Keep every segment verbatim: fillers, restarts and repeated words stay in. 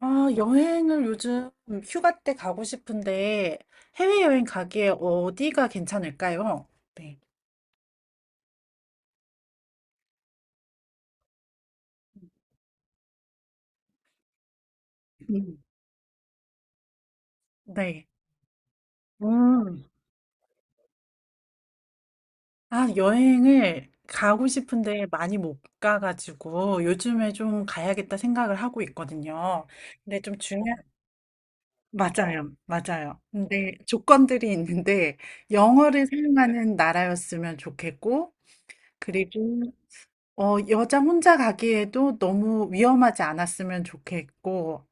아, 여행을 요즘 휴가 때 가고 싶은데 해외여행 가기에 어디가 괜찮을까요? 네. 음. 네. 음. 아, 여행을 가고 싶은데 많이 못 가가지고 요즘에 좀 가야겠다 생각을 하고 있거든요. 근데 좀 중요한, 맞아요. 맞아요. 근데 조건들이 있는데 영어를 사용하는 나라였으면 좋겠고, 그리고 어, 여자 혼자 가기에도 너무 위험하지 않았으면 좋겠고,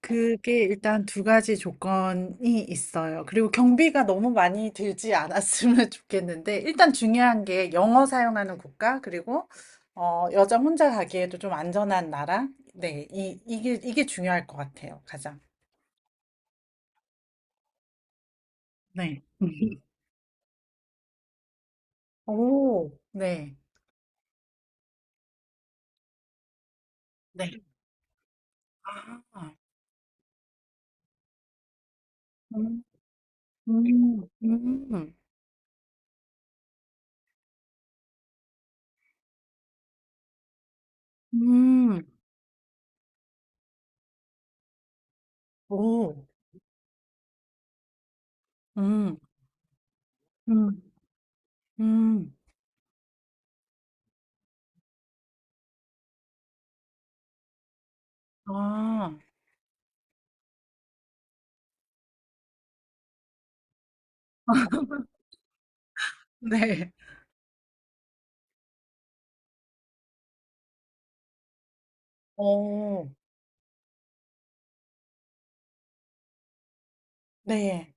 그게 일단 두 가지 조건이 있어요. 그리고 경비가 너무 많이 들지 않았으면 좋겠는데, 일단 중요한 게 영어 사용하는 국가, 그리고, 어, 여자 혼자 가기에도 좀 안전한 나라. 네, 이, 이게, 이게 중요할 것 같아요, 가장. 네. 오, 네. 네. 아, 음, 음, 음, 음, 오, 음, 음, 음, 아, 네. 오, 네.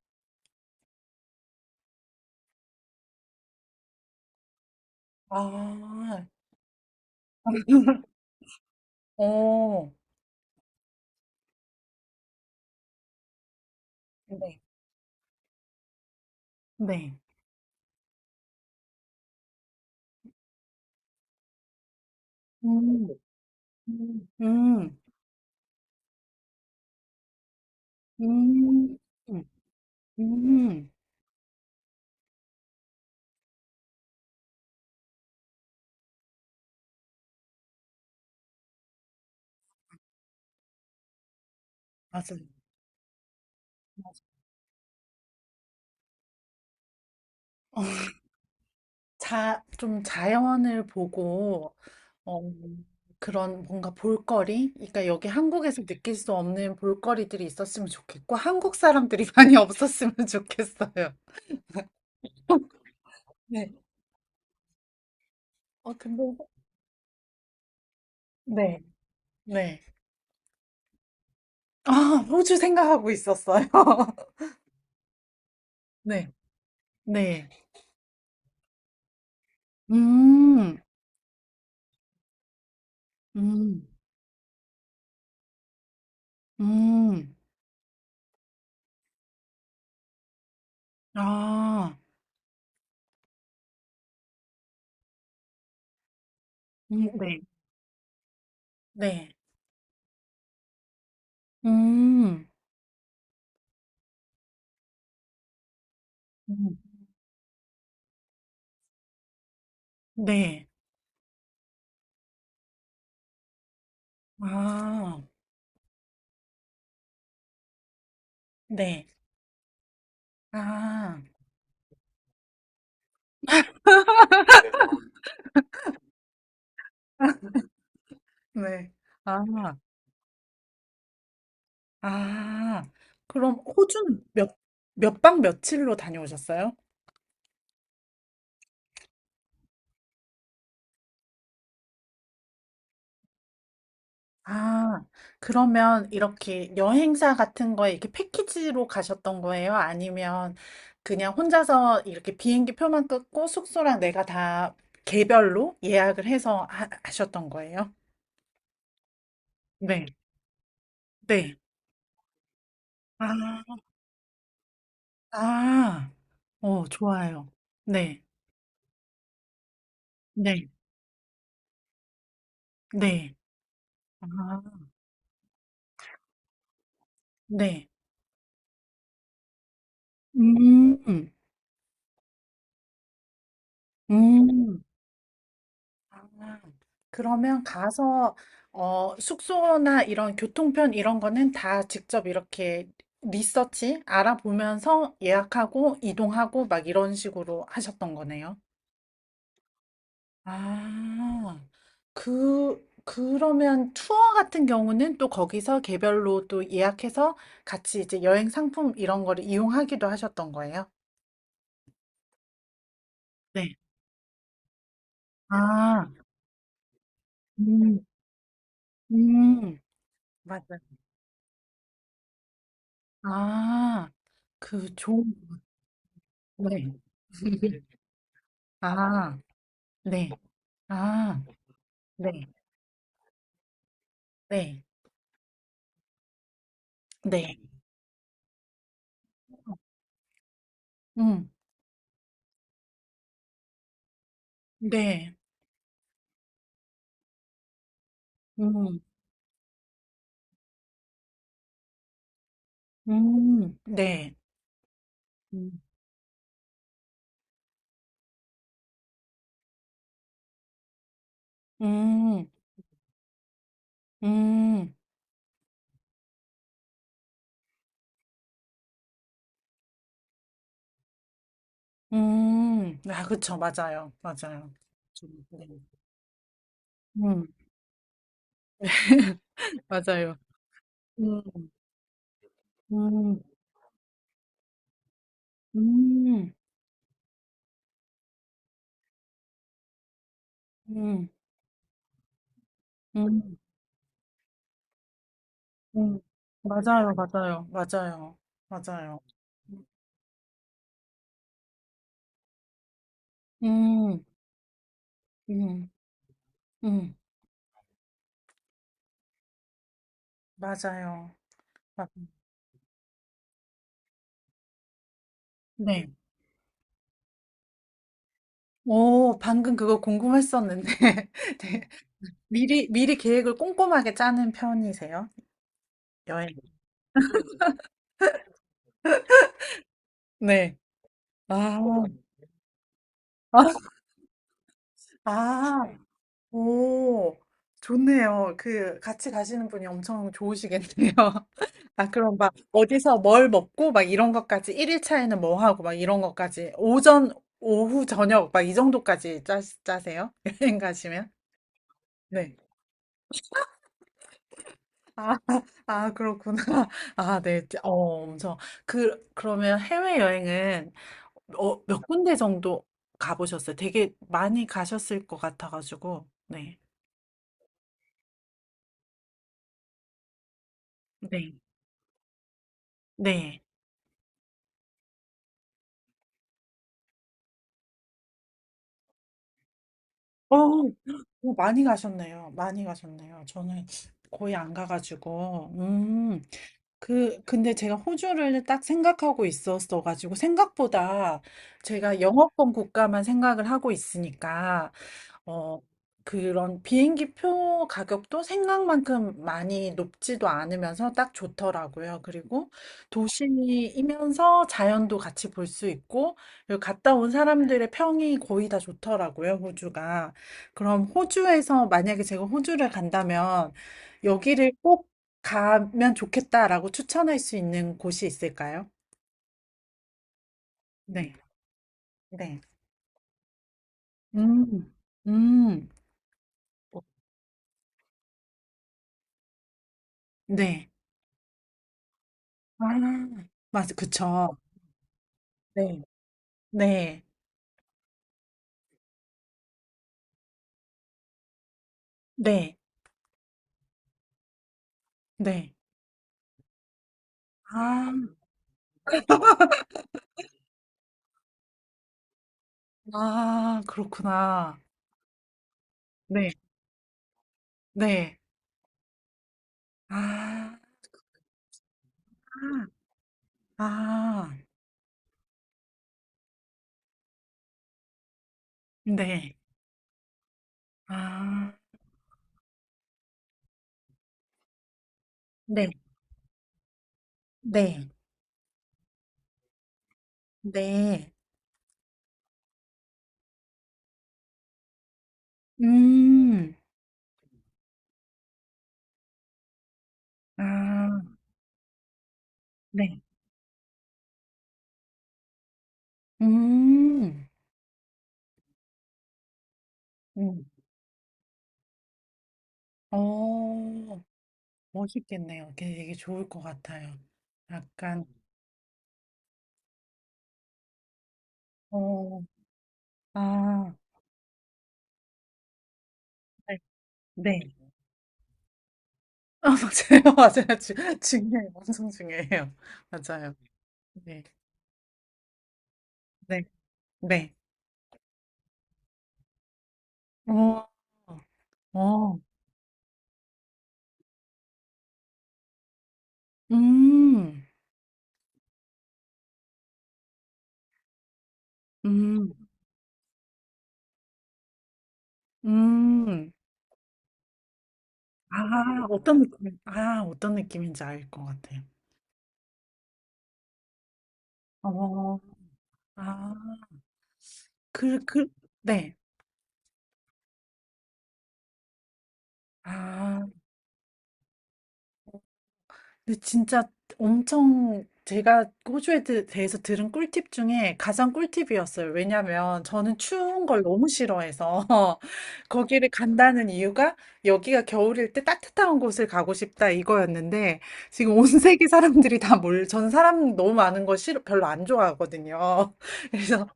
아. 어. 네. 네. 음. 음. 음. 음. 음. 맞아요. 맞아요. 자, 좀 자연을 보고 어, 그런 뭔가 볼거리? 그러니까 여기 한국에서 느낄 수 없는 볼거리들이 있었으면 좋겠고 한국 사람들이 많이 없었으면 좋겠어요. 네. 어, 근데 네. 네. 아, 호주 생각하고 있었어요. 네. 네. 음. 음. 음. 아. 음 네. 네. 음. 음. 네. 아. 네. 아. 네. 아. 아. 그럼 호주는 몇, 몇 박 며칠로 다녀오셨어요? 아. 그러면 이렇게 여행사 같은 거에 이렇게 패키지로 가셨던 거예요? 아니면 그냥 혼자서 이렇게 비행기 표만 끊고 숙소랑 내가 다 개별로 예약을 해서 하, 하셨던 거예요? 네. 네. 아, 아, 어, 좋아요. 네, 네, 네, 아, 네. 음, 음. 아, 그러면 가서, 어, 숙소나 이런 교통편 이런 거는 다 직접 이렇게 리서치 알아보면서 예약하고 이동하고 막 이런 식으로 하셨던 거네요. 아, 그 그러면 투어 같은 경우는 또 거기서 개별로 또 예약해서 같이 이제 여행 상품 이런 거를 이용하기도 하셨던 거예요? 네. 아, 음, 음, 맞아요. 아, 그 좋은, 네. 아, 네. 아, 네. 네. 네. 음, 네. 음, 음, 네. 음, 음, 음, 음. 아, 그쵸. 맞아요. 맞아요. 좀, 네. 음. 맞아요. 음, 음, 음, 음, 음, 음. 맞아요, 맞아요, 맞아요, 맞아요, 음, 음, 음. 맞아요. 맞- 네. 오, 방금 그거 궁금했었는데. 네. 미리, 미리 계획을 꼼꼼하게 짜는 편이세요? 여행. 네. 아, 아, 아, 오, 좋네요. 그, 같이 가시는 분이 엄청 좋으시겠네요. 아, 그럼 막, 어디서 뭘 먹고, 막 이런 것까지, 일 일 차에는 뭐 하고, 막 이런 것까지, 오전, 오후, 저녁, 막 이 정도까지 짜, 짜세요? 여행 가시면? 네. 아, 아, 그렇구나. 아, 네. 어, 엄청. 그, 그러면 해외여행은, 어, 몇 군데 정도 가보셨어요? 되게 많이 가셨을 것 같아가지고, 네. 네. 네. 어, 어, 많이 가셨네요. 많이 가셨네요. 저는 거의 안 가가지고, 음, 그, 근데 제가 호주를 딱 생각하고 있었어가지고, 생각보다 제가 영어권 국가만 생각을 하고 있으니까, 어, 그런 비행기 표 가격도 생각만큼 많이 높지도 않으면서 딱 좋더라고요. 그리고 도시이면서 자연도 같이 볼 수 있고, 그리고 갔다 온 사람들의 평이 거의 다 좋더라고요, 호주가. 그럼 호주에서 만약에 제가 호주를 간다면 여기를 꼭 가면 좋겠다라고 추천할 수 있는 곳이 있을까요? 네, 네. 음, 음, 네. 아, 맞아, 그쵸. 네. 네. 네. 네. 아. 아 그렇구나. 네. 네. 아. 아. 네. 아. 네. 네. 네. 음. 아. 네. 음. 음. 어. 멋있겠네요. 되게 되게 좋을 것 같아요. 약간 어. 아. 네. 네. 아 맞아요. 맞아요. 주 중요해요. 엄청 중요해요. 맞아요. 네. 네. 네. 어, 어, 음, 음, 음, 아, 어떤 느낌, 아, 어떤 느낌인지 알 것 같아요. 어, 아, 그, 그, 네. 아. 근데 진짜 엄청 제가 호주에 대- 대해서 들은 꿀팁 중에 가장 꿀팁이었어요. 왜냐면 저는 추운 걸 너무 싫어해서 거기를 간다는 이유가 여기가 겨울일 때 따뜻한 곳을 가고 싶다 이거였는데 지금 온 세계 사람들이 다 몰, 전 사람 너무 많은 거 싫어, 별로 안 좋아하거든요. 그래서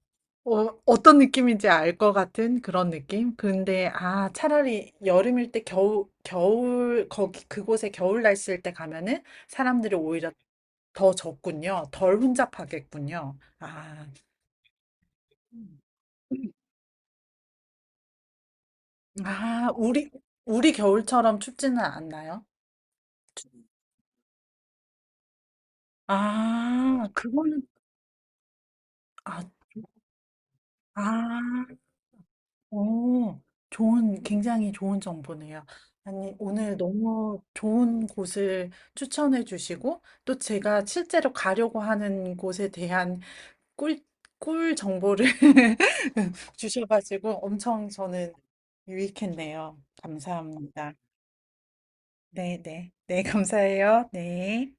어, 어떤 느낌인지 알 것 같은 그런 느낌? 근데, 아, 차라리 여름일 때 겨울, 겨울, 거기, 그곳에 겨울 날씨일 때 가면은 사람들이 오히려 더 적군요. 덜 혼잡하겠군요. 아, 아, 우리, 우리 겨울처럼 춥지는 않나요? 아, 그거는, 아, 아. 오, 좋은, 굉장히 좋은 정보네요. 아니, 오늘 너무 좋은 곳을 추천해 주시고, 또 제가 실제로 가려고 하는 곳에 대한 꿀, 꿀 정보를 주셔가지고 엄청 저는 유익했네요. 감사합니다. 네, 네. 네, 감사해요. 네.